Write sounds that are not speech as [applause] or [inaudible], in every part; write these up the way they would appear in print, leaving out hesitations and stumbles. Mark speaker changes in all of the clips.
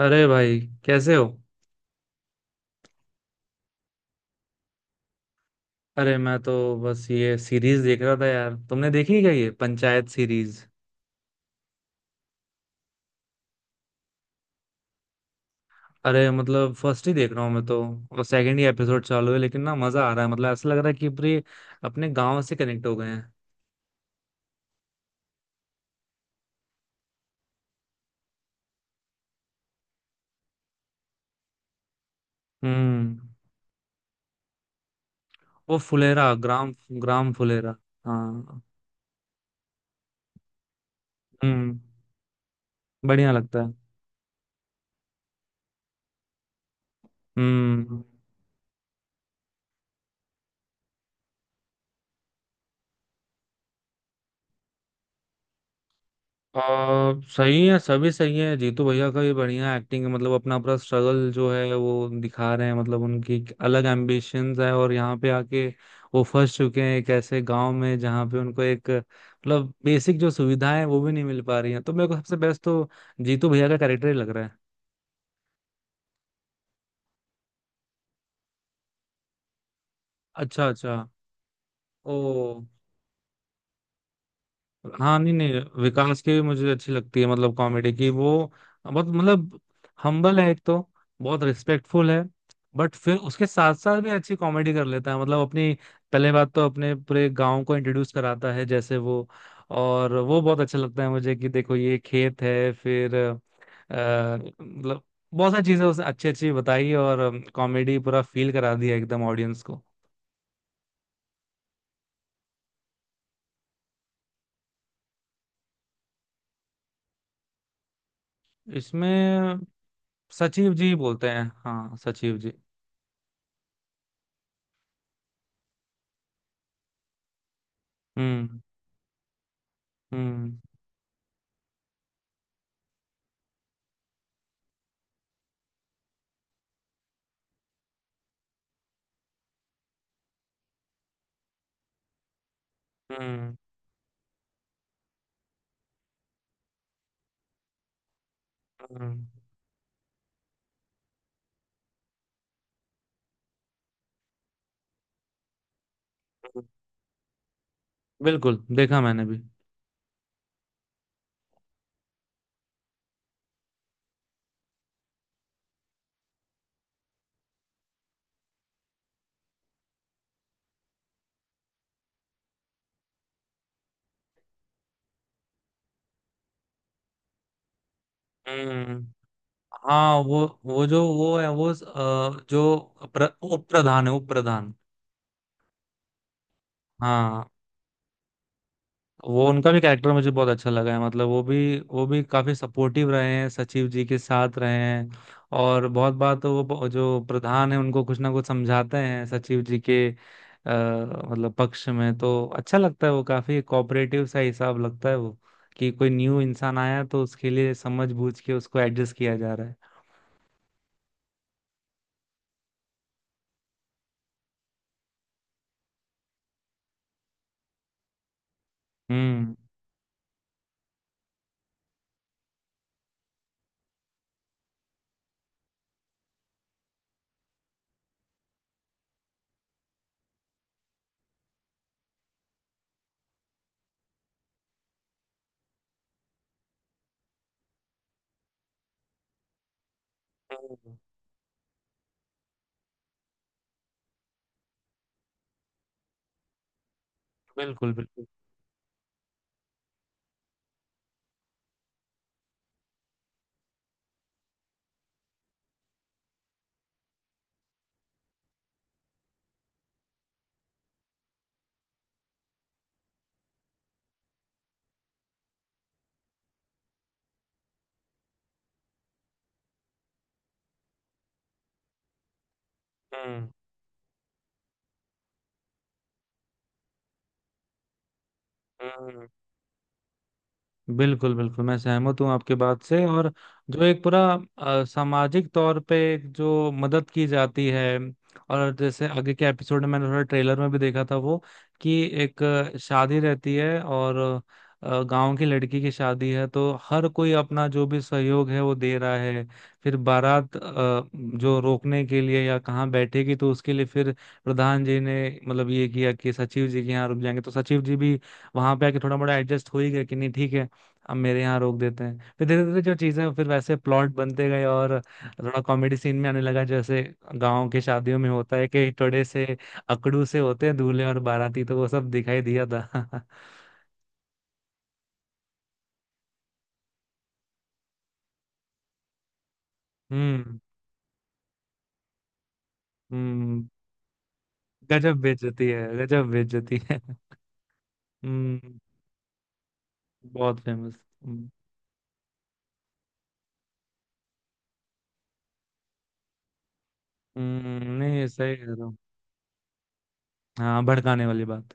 Speaker 1: अरे भाई। कैसे हो? अरे मैं तो बस ये सीरीज देख रहा था यार। तुमने देखी क्या ये पंचायत सीरीज? अरे मतलब फर्स्ट ही देख रहा हूँ मैं तो। और सेकंड ही एपिसोड चालू है, लेकिन ना मजा आ रहा है। मतलब ऐसा लग रहा है कि पूरे अपने गांव से कनेक्ट हो गए हैं। हम्म। वो फुलेरा ग्राम। ग्राम फुलेरा। हाँ। हम्म, बढ़िया लगता है। हम्म। अ, सही है, सभी सही है। जीतू भैया का भी बढ़िया एक्टिंग है। मतलब अपना पूरा स्ट्रगल जो है वो दिखा रहे हैं। मतलब उनकी एक अलग एम्बिशंस है और यहाँ पे आके वो फंस चुके हैं एक ऐसे गांव में, जहाँ पे उनको एक मतलब बेसिक जो सुविधाएं हैं, वो भी नहीं मिल पा रही हैं। तो मेरे को सबसे बेस्ट तो जीतू भैया का कैरेक्टर ही लग रहा है। अच्छा, अच्छा। ओ। हाँ, नहीं नहीं विकास की भी मुझे अच्छी लगती है। मतलब कॉमेडी की वो बहुत मतलब हम्बल है एक तो। बहुत रिस्पेक्टफुल है। बट फिर उसके साथ साथ भी अच्छी कॉमेडी कर लेता है। मतलब अपनी पहले बात तो अपने पूरे गांव को इंट्रोड्यूस कराता है, जैसे वो। और वो बहुत अच्छा लगता है मुझे कि देखो ये खेत है, फिर मतलब बहुत सारी चीजें उसने अच्छी अच्छी बताई और कॉमेडी पूरा फील करा दिया एकदम ऑडियंस को। इसमें सचिव जी बोलते हैं। हाँ, सचिव जी। हम्म। हम्म। हम्म। हम्म, हम्म, बिल्कुल देखा मैंने भी। हम्म। हाँ, वो जो वो है वो जो उप प्रधान है, उप प्रधान। हाँ। वो उनका भी कैरेक्टर मुझे बहुत अच्छा लगा है। मतलब वो भी काफी सपोर्टिव रहे हैं, सचिव जी के साथ रहे हैं। और बहुत बार तो वो जो प्रधान है उनको कुछ ना कुछ समझाते हैं सचिव जी के मतलब पक्ष में। तो अच्छा लगता है। वो काफी कोऑपरेटिव सा हिसाब लगता है वो, कि कोई न्यू इंसान आया है, तो उसके लिए समझ बूझ के उसको एडजस्ट किया जा रहा है। हम्म। हम्म, बिल्कुल बिल्कुल। हम्म। हम्म। बिल्कुल बिल्कुल। मैं सहमत हूँ आपके बात से। और जो एक पूरा सामाजिक तौर पे एक जो मदद की जाती है, और जैसे आगे के एपिसोड में मैंने थोड़ा ट्रेलर में भी देखा था वो, कि एक शादी रहती है, और गांव की लड़की की शादी है। तो हर कोई अपना जो भी सहयोग है वो दे रहा है। फिर बारात जो रोकने के लिए या कहाँ बैठेगी तो उसके लिए फिर प्रधान जी ने मतलब ये किया कि सचिव जी के यहाँ रुक जाएंगे। तो सचिव जी भी वहां पे आके थोड़ा मोड़ा एडजस्ट हो ही गया कि नहीं ठीक है, अब मेरे यहाँ रोक देते हैं। फिर धीरे धीरे जो चीजें फिर वैसे प्लॉट बनते गए, और थोड़ा कॉमेडी सीन में आने लगा। जैसे गांव के शादियों में होता है कि टोड़े से अकड़ू से होते हैं दूल्हे और बाराती, तो वो सब दिखाई दिया था। [laughs] हम्म। हम्म। गजब बेइज्जती है, गजब बेइज्जती है। हम्म, बहुत फेमस। हम्म। नहीं, सही कह रहा हूँ। हाँ, भड़काने वाली बात।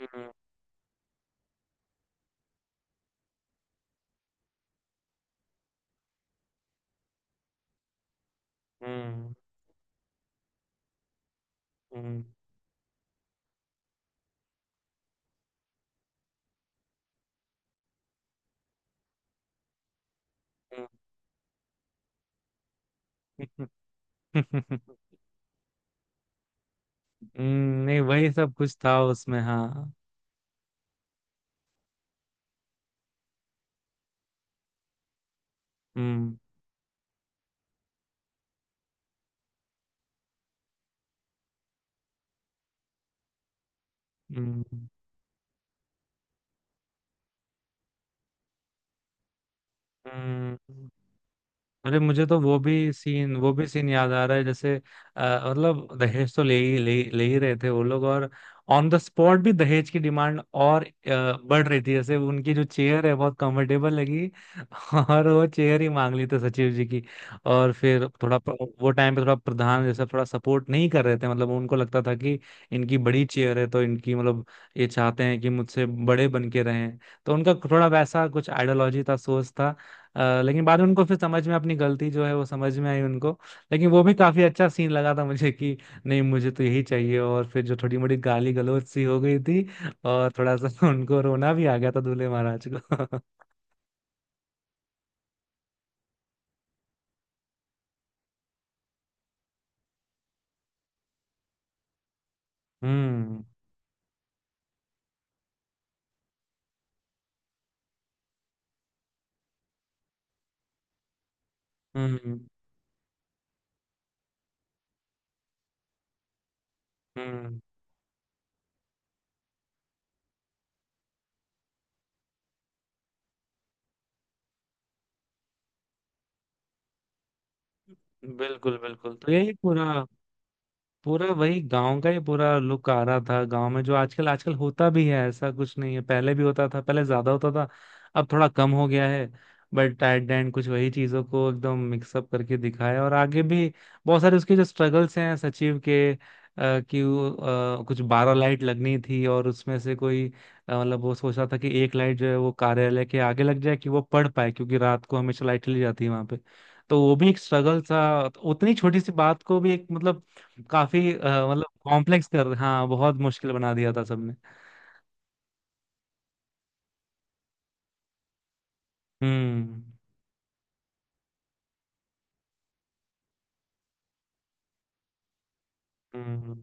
Speaker 1: हम्म। हम्म। हम्म। हम्म। [laughs] नहीं, वही सब कुछ था उसमें, हाँ। हम्म। हम्म, हम्म, अरे मुझे तो वो भी सीन, वो भी सीन याद आ रहा है। जैसे अ, मतलब दहेज तो ले ही रहे थे वो लोग। और ऑन द स्पॉट भी दहेज की डिमांड और बढ़ रही थी। जैसे उनकी जो चेयर है बहुत कंफर्टेबल लगी, और वो चेयर ही मांग ली थी सचिव जी की। और फिर थोड़ा वो टाइम पे थोड़ा प्रधान जैसा थोड़ा सपोर्ट नहीं कर रहे थे। मतलब उनको लगता था कि इनकी बड़ी चेयर है, तो इनकी मतलब ये चाहते हैं कि मुझसे बड़े बन के रहें। तो उनका थोड़ा वैसा कुछ आइडियोलॉजी था, सोच था। लेकिन बाद में उनको फिर समझ में अपनी गलती जो है वो समझ में आई उनको। लेकिन वो भी काफी अच्छा सीन लगा था मुझे, कि नहीं मुझे तो यही चाहिए। और फिर जो थोड़ी मोड़ी गाली गलौज सी हो गई थी, और थोड़ा सा [laughs] उनको रोना भी आ गया था दूल्हे महाराज को। [laughs] हम्म। हम्म। हम्म। बिल्कुल बिल्कुल। तो यही पूरा, हाँ, पूरा वही गांव का ही पूरा लुक आ रहा था। गांव में जो आजकल आजकल होता भी है, ऐसा कुछ नहीं है, पहले भी होता था, पहले ज्यादा होता था, अब थोड़ा कम हो गया है। बट एट द एंड कुछ वही चीजों को एकदम मिक्सअप करके दिखाया। और आगे भी बहुत सारे उसके जो स्ट्रगल्स हैं सचिव के कि वो, कुछ 12 लाइट लगनी थी और उसमें से कोई मतलब वो सोच रहा था कि एक लाइट जो है वो कार्यालय के आगे लग जाए कि वो पढ़ पाए, क्योंकि रात को हमेशा लाइट चली जाती है वहां पे। तो वो भी एक स्ट्रगल था। तो उतनी छोटी सी बात को भी एक मतलब काफी मतलब कॉम्प्लेक्स कर, हाँ बहुत मुश्किल बना दिया था सबने। हम्म। हम्म।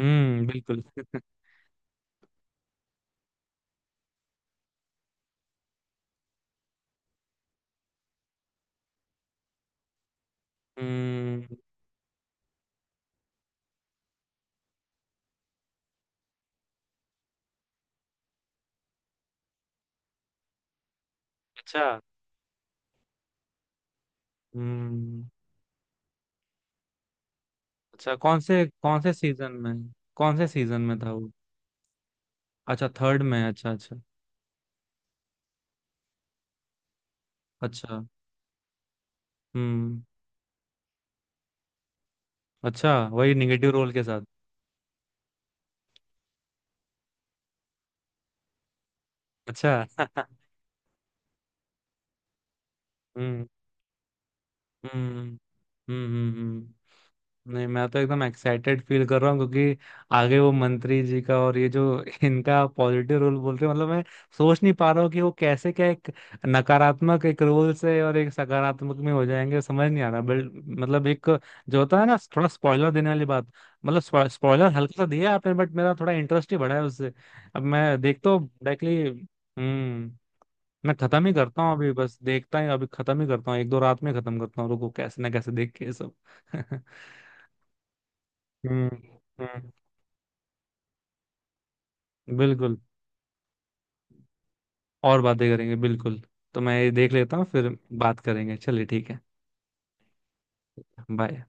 Speaker 1: हम्म। बिल्कुल। [laughs] हम्म। अच्छा। हम्म। अच्छा, कौन से सीजन में? कौन से सीजन में था वो? अच्छा, थर्ड में। अच्छा, अच्छा। अच्छा। हम्म। अच्छा, वही निगेटिव रोल के साथ? अच्छा। [laughs] हम्म। हम्म। हम्म। हम्म। हम्म। नहीं, मैं तो एकदम एक्साइटेड फील कर रहा हूँ, क्योंकि आगे वो मंत्री जी का, और ये जो [laughs] इनका पॉजिटिव रोल बोल रहे हैं, मतलब मैं सोच नहीं पा रहा हूँ कि वो कैसे क्या एक नकारात्मक एक रोल से और एक सकारात्मक में हो जाएंगे, समझ नहीं आ रहा, मतलब एक जो होता है ना, थोड़ा स्पॉइलर देने वाली बात। मतलब स्पॉइलर हल्का सा दिया आपने, बट मेरा थोड़ा इंटरेस्ट ही बढ़ा है उससे। अब मैं देखता हूँ डायरेक्टली। हम्म। मैं खत्म ही करता हूँ अभी, बस देखता ही अभी, खत्म ही करता हूँ, एक दो रात में खत्म करता हूँ। रुको, कैसे ना कैसे देख के ये सब। [laughs] हम्म। हम्म। बिल्कुल। और बातें करेंगे, बिल्कुल। तो मैं ये देख लेता हूँ फिर। बात करेंगे। चलिए, ठीक है। बाय।